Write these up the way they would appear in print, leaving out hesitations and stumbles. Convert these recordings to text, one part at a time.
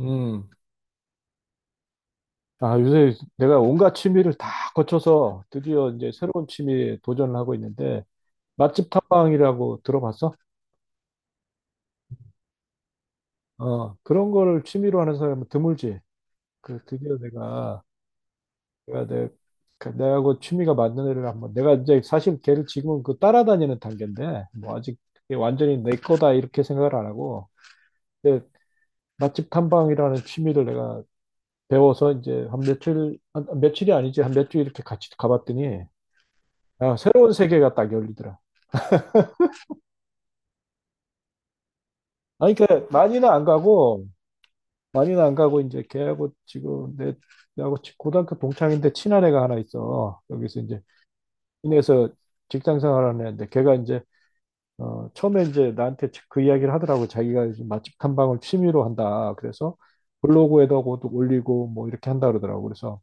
음. 아, 요새 내가 온갖 취미를 다 거쳐서 드디어 이제 새로운 취미에 도전을 하고 있는데, 맛집 탐방이라고 들어봤어? 어, 그런 걸 취미로 하는 사람은 드물지. 그, 드디어 내가, 내가, 내, 그 내하고 취미가 맞는 애를 한번, 내가 이제 사실 걔를 지금은 그 따라다니는 단계인데, 뭐 아직 그게 완전히 내 거다 이렇게 생각을 안 하고, 근데 맛집 탐방이라는 취미를 내가 배워서 이제 한 며칠, 며칠이 아니지, 한 몇 주 이렇게 같이 가봤더니, 아, 새로운 세계가 딱 열리더라. 아니, 그러니까 많이는 안 가고, 많이는 안 가고, 이제 걔하고 지금 고등학교 동창인데 친한 애가 하나 있어. 여기서 이제, 인해서 직장 생활하는 애인데, 걔가 이제, 어, 처음에 이제 나한테 그 이야기를 하더라고. 자기가 이제 맛집 탐방을 취미로 한다. 그래서 블로그에다 그것도 올리고 뭐 이렇게 한다 그러더라고. 그래서,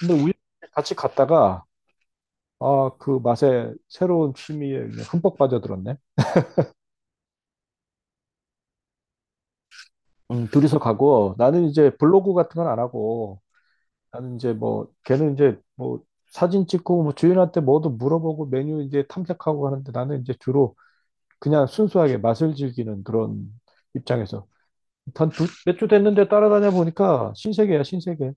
근데 우연히 같이 갔다가, 아, 그 맛에 새로운 취미에 그냥 흠뻑 빠져들었네. 둘이서 가고 나는 이제 블로그 같은 건 안 하고 나는 이제 뭐 걔는 이제 뭐 사진 찍고 뭐 주인한테 뭐도 물어보고 메뉴 이제 탐색하고 하는데 나는 이제 주로 그냥 순수하게 맛을 즐기는 그런 입장에서 한두몇주 됐는데 따라다녀 보니까 신세계야 신세계.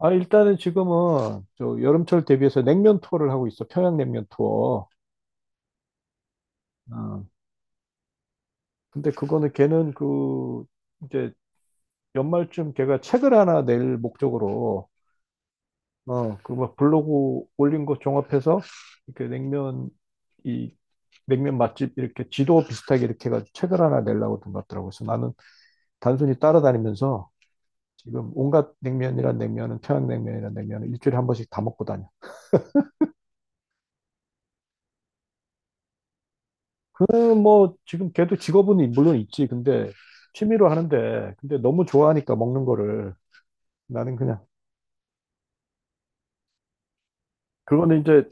아, 일단은 지금은 저 여름철 대비해서 냉면 투어를 하고 있어. 평양냉면 투어. 어. 근데 그거는 걔는 그 이제 연말쯤 걔가 책을 하나 낼 목적으로 어그 막 블로그 올린 거 종합해서 이렇게 냉면 이 냉면 맛집 이렇게 지도 비슷하게 이렇게 해가지고 책을 하나 내려고 든 것 같더라고요. 그래서 나는 단순히 따라다니면서 지금 온갖 냉면이란 냉면은 평양냉면이란 냉면은 일주일에 한 번씩 다 먹고 다녀. 그 뭐 지금 걔도 직업은 물론 있지. 근데 취미로 하는데 근데 너무 좋아하니까 먹는 거를. 나는 그냥 그거는 이제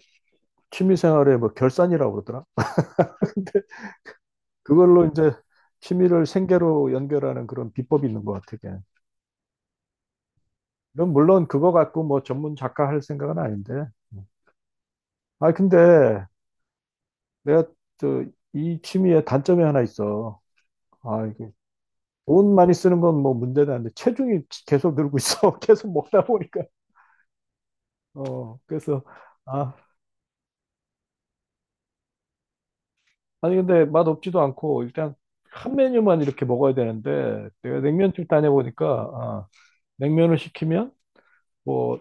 취미 생활의 뭐 결산이라고 그러더라. 근데 그걸로 이제 취미를 생계로 연결하는 그런 비법이 있는 것 같아, 걔. 물론 그거 갖고 뭐 전문 작가 할 생각은 아닌데. 아, 근데 내가 저, 이 취미의 단점이 하나 있어. 아, 이게 돈 많이 쓰는 건 뭐 문제는 안 돼. 체중이 계속 늘고 있어. 계속 먹다 보니까. 어, 그래서, 아, 아니, 근데 맛없지도 않고, 일단 한 메뉴만 이렇게 먹어야 되는데, 내가 냉면집 다녀보니까, 아, 냉면을 시키면, 뭐,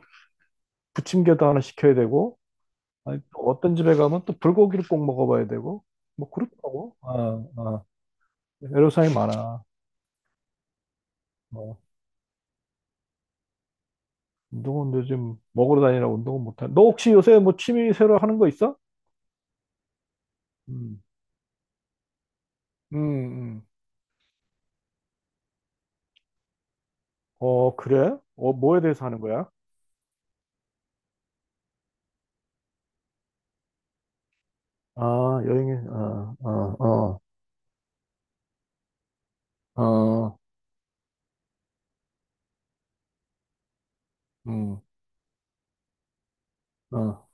부침개도 하나 시켜야 되고, 아니, 또 어떤 집에 가면 또 불고기를 꼭 먹어봐야 되고, 뭐, 그렇더라고. 아, 아, 애로사항이 많아. 어. 운동은 요즘 먹으러 다니라 운동은 못하. 너 혹시 요새 뭐 취미 새로 하는 거 있어? 음. 음, 음. 어, 그래? 어, 뭐에 대해서 하는 거야? 아, 여행에, 어, 어, 어, 어, 음, 어.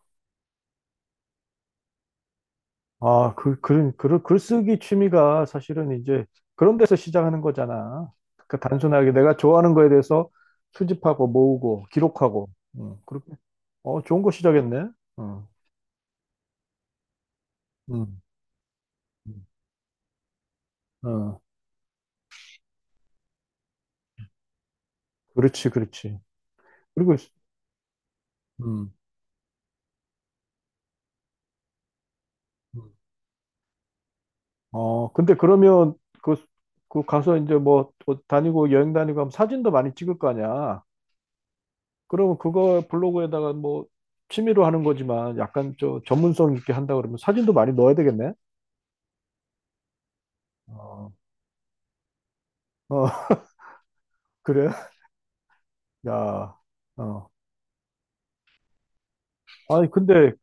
아, 그, 글쓰기 취미가 사실은 이제 그런 데서 시작하는 거잖아. 그러니까 단순하게 내가 좋아하는 거에 대해서 수집하고 모으고 기록하고. 그렇게. 어, 좋은 거 시작했네. 어, 음, 음. 어, 그렇지, 그렇지. 그리고, 음. 음. 어, 근데 그러면 그, 그 가서 이제 뭐 또 다니고 여행 다니고 하면 사진도 많이 찍을 거 아니야. 그러면 그거 블로그에다가 뭐 취미로 하는 거지만 약간 저 전문성 있게 한다 그러면 사진도 많이 넣어야 되겠네. 어, 어, 그래? 야, 어. 아니, 근데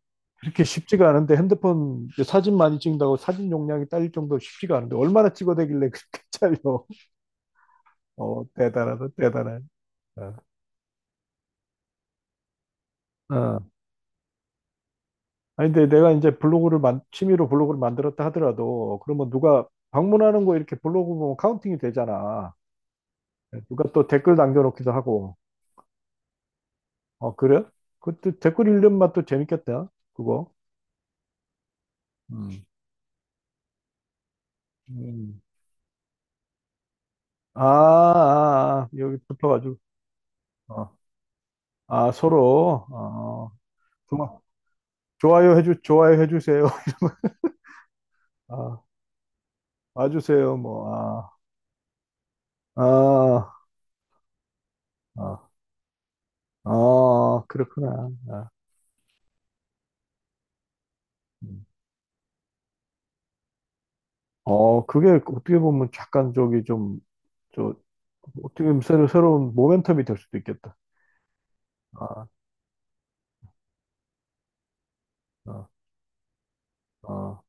그렇게 쉽지가 않은데 핸드폰 이제 사진 많이 찍는다고 사진 용량이 딸릴 정도로 쉽지가 않은데 얼마나 찍어대길래 그렇게 잘려. 어, 대단하다, 대단해. 어. 어. 아니, 근데 내가 이제 블로그를 만, 취미로 블로그를 만들었다 하더라도, 그러면 누가 방문하는 거 이렇게 블로그 보면 카운팅이 되잖아. 누가 또 댓글 남겨놓기도 하고. 어, 그래? 그때 댓글 읽는 맛도 재밌겠다, 그거. 음. 음. 아, 아, 아, 여기 붙어가지고. 어. 아, 서로. 어, 좋아. 좋아요 해주세요. 아, 와주세요, 뭐. 아, 아, 아, 아, 그렇구나. 아. 음. 어, 그게 어떻게 보면 약간 저기 좀, 저, 어떻게 보면 새로운 모멘텀이 될 수도 있겠다. 아, 아, 아,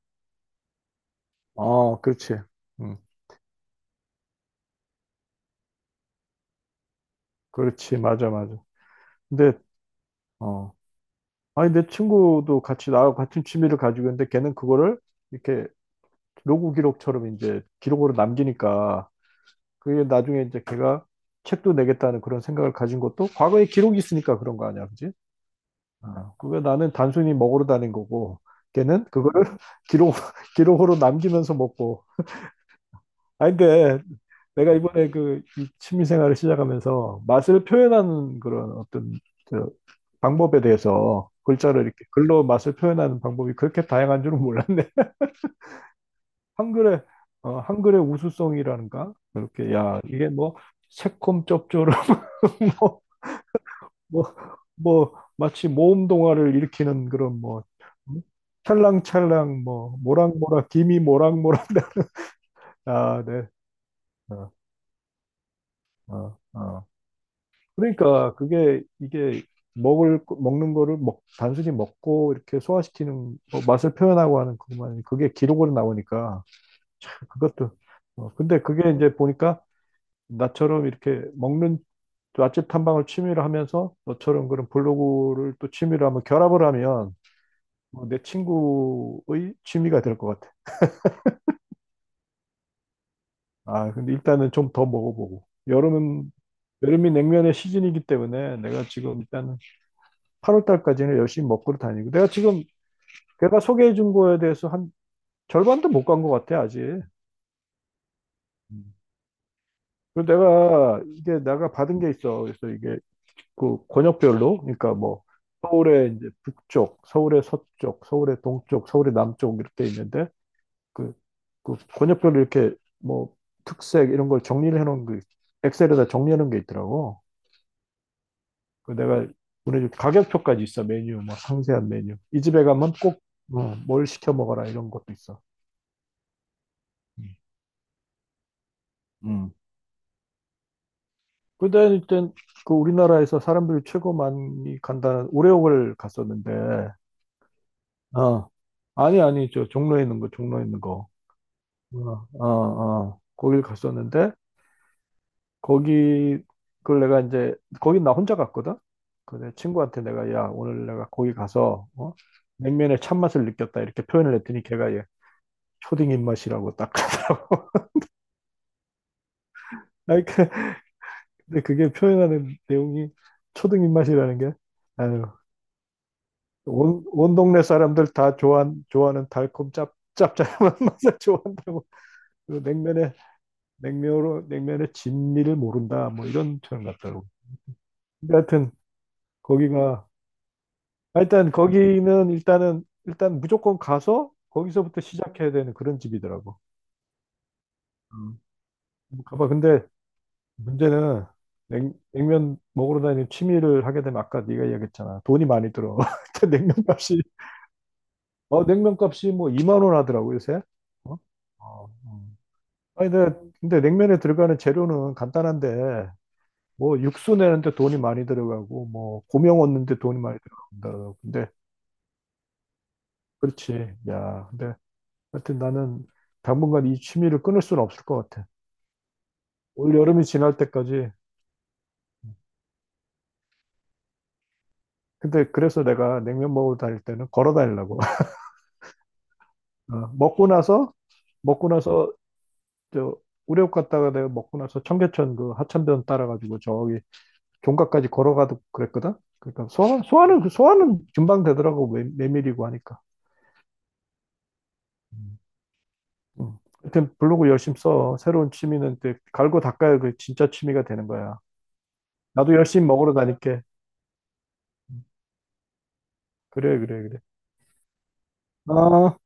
아, 그렇지. 음, 그렇지. 맞아, 맞아. 근데, 어, 아니, 내 친구도 같이 나하고 같은 취미를 가지고 있는데 걔는 그거를 이렇게 로그 기록처럼 이제 기록으로 남기니까 그게 나중에 이제 걔가 책도 내겠다는 그런 생각을 가진 것도 과거에 기록이 있으니까 그런 거 아니야, 그지? 아, 그게 나는 단순히 먹으러 다닌 거고, 걔는 그거를 기록, 기록으로 남기면서 먹고. 아, 근데 내가 이번에 그 이 취미 생활을 시작하면서 맛을 표현하는 그런 어떤 저 방법에 대해서 글자를 이렇게 글로 맛을 표현하는 방법이 그렇게 다양한 줄은 몰랐네. 한글의, 어, 한글의 우수성이라는가? 그렇게, 야, 이게 뭐 새콤 쩝조름 뭐, 뭐, 마치 모험 동화를 일으키는 그런 뭐, 음? 찰랑찰랑, 뭐, 모락모락, 김이 모락모락. 아, 네. 어, 어, 어. 그러니까 그게, 이게 먹는 거를 단순히 먹고 이렇게 소화시키는, 뭐 맛을 표현하고 하는 그것만, 그게 기록으로 나오니까 그것도, 어, 근데 그게 이제 보니까 나처럼 이렇게 먹는 맛집 탐방을 취미로 하면서 너처럼 그런 블로그를 또 취미로 하면 결합을 하면 어, 내 친구의 취미가 될 것 같아. 아, 근데 일단은 좀 더 먹어보고. 여름은, 여름이 냉면의 시즌이기 때문에 내가 지금 일단은 8월 달까지는 열심히 먹고 다니고. 내가 지금 걔가 소개해 준 거에 대해서 한 절반도 못 간 것 같아, 아직. 음. 그리고 내가 이게 내가 받은 게 있어. 그래서 이게 그 권역별로, 그러니까 뭐 서울의 이제 북쪽, 서울의 서쪽, 서울의 동쪽, 서울의 남쪽 이렇게 있는데 그, 그 권역별로 이렇게 뭐 특색 이런 걸 정리를 해놓은 그 엑셀에다 정리하는 게 있더라고. 그 내가 보내줄 가격표까지 있어. 메뉴 뭐 상세한 메뉴. 이 집에 가면 꼭뭘 시켜 먹어라 이런 것도 있어. 음. 그때 일단 그 우리나라에서 사람들이 최고 많이 간다는 오레옥을 갔었는데, 어, 아니 아니 저 종로에 있는 거 종로에 있는 거, 어, 어, 어, 거길 갔었는데 거기 그걸 내가 이제 거기 나 혼자 갔거든. 그내 친구한테 내가 야 오늘 내가 거기 가서 어? 냉면의 참맛을 느꼈다 이렇게 표현을 했더니 걔가 얘 초딩 입맛이라고 딱 하더라고. 아니 그- 근데 그게 표현하는 내용이 초딩 입맛이라는 게 아유 온, 온 동네 사람들 다 좋아한, 좋아하는 달콤 짭 짭짤한 맛을 좋아한다고. 그리고 냉면의 냉면으로 냉면의 진미를 모른다 뭐 이런 표현 같더라고. 근데 하여튼 거기가 일단 거기는 일단은 일단 무조건 가서 거기서부터 시작해야 되는 그런 집이더라고. 음. 한번 가봐. 근데 문제는 냉면 먹으러 다니는 취미를 하게 되면 아까 네가 이야기했잖아. 돈이 많이 들어. 근데 냉면 값이 어 냉면 값이 뭐 2만 원 하더라고 요새. 어? 어, 아니 근데, 근데 냉면에 들어가는 재료는 간단한데 뭐 육수 내는데 돈이 많이 들어가고 뭐 고명 얻는데 돈이 많이 들어간다. 근데 그렇지. 야 근데 하여튼 나는 당분간 이 취미를 끊을 수는 없을 것 같아. 올 여름이 지날 때까지. 근데 그래서 내가 냉면 먹으러 다닐 때는 걸어 다니려고. 어, 먹고 나서, 먹고 나서, 저, 우레옥 갔다가 내가 먹고 나서 청계천 그 하천변 따라가지고 저기 종각까지 걸어가도 그랬거든? 그러니까 그 소화는 금방 되더라고. 메, 메밀이고 하니까. 음. 음. 하여튼 블로그 열심히 써. 새로운 취미는 또 갈고 닦아야 그 진짜 취미가 되는 거야. 나도 열심히 먹으러 다닐게. 음. 그래, 그래, 그래. 아.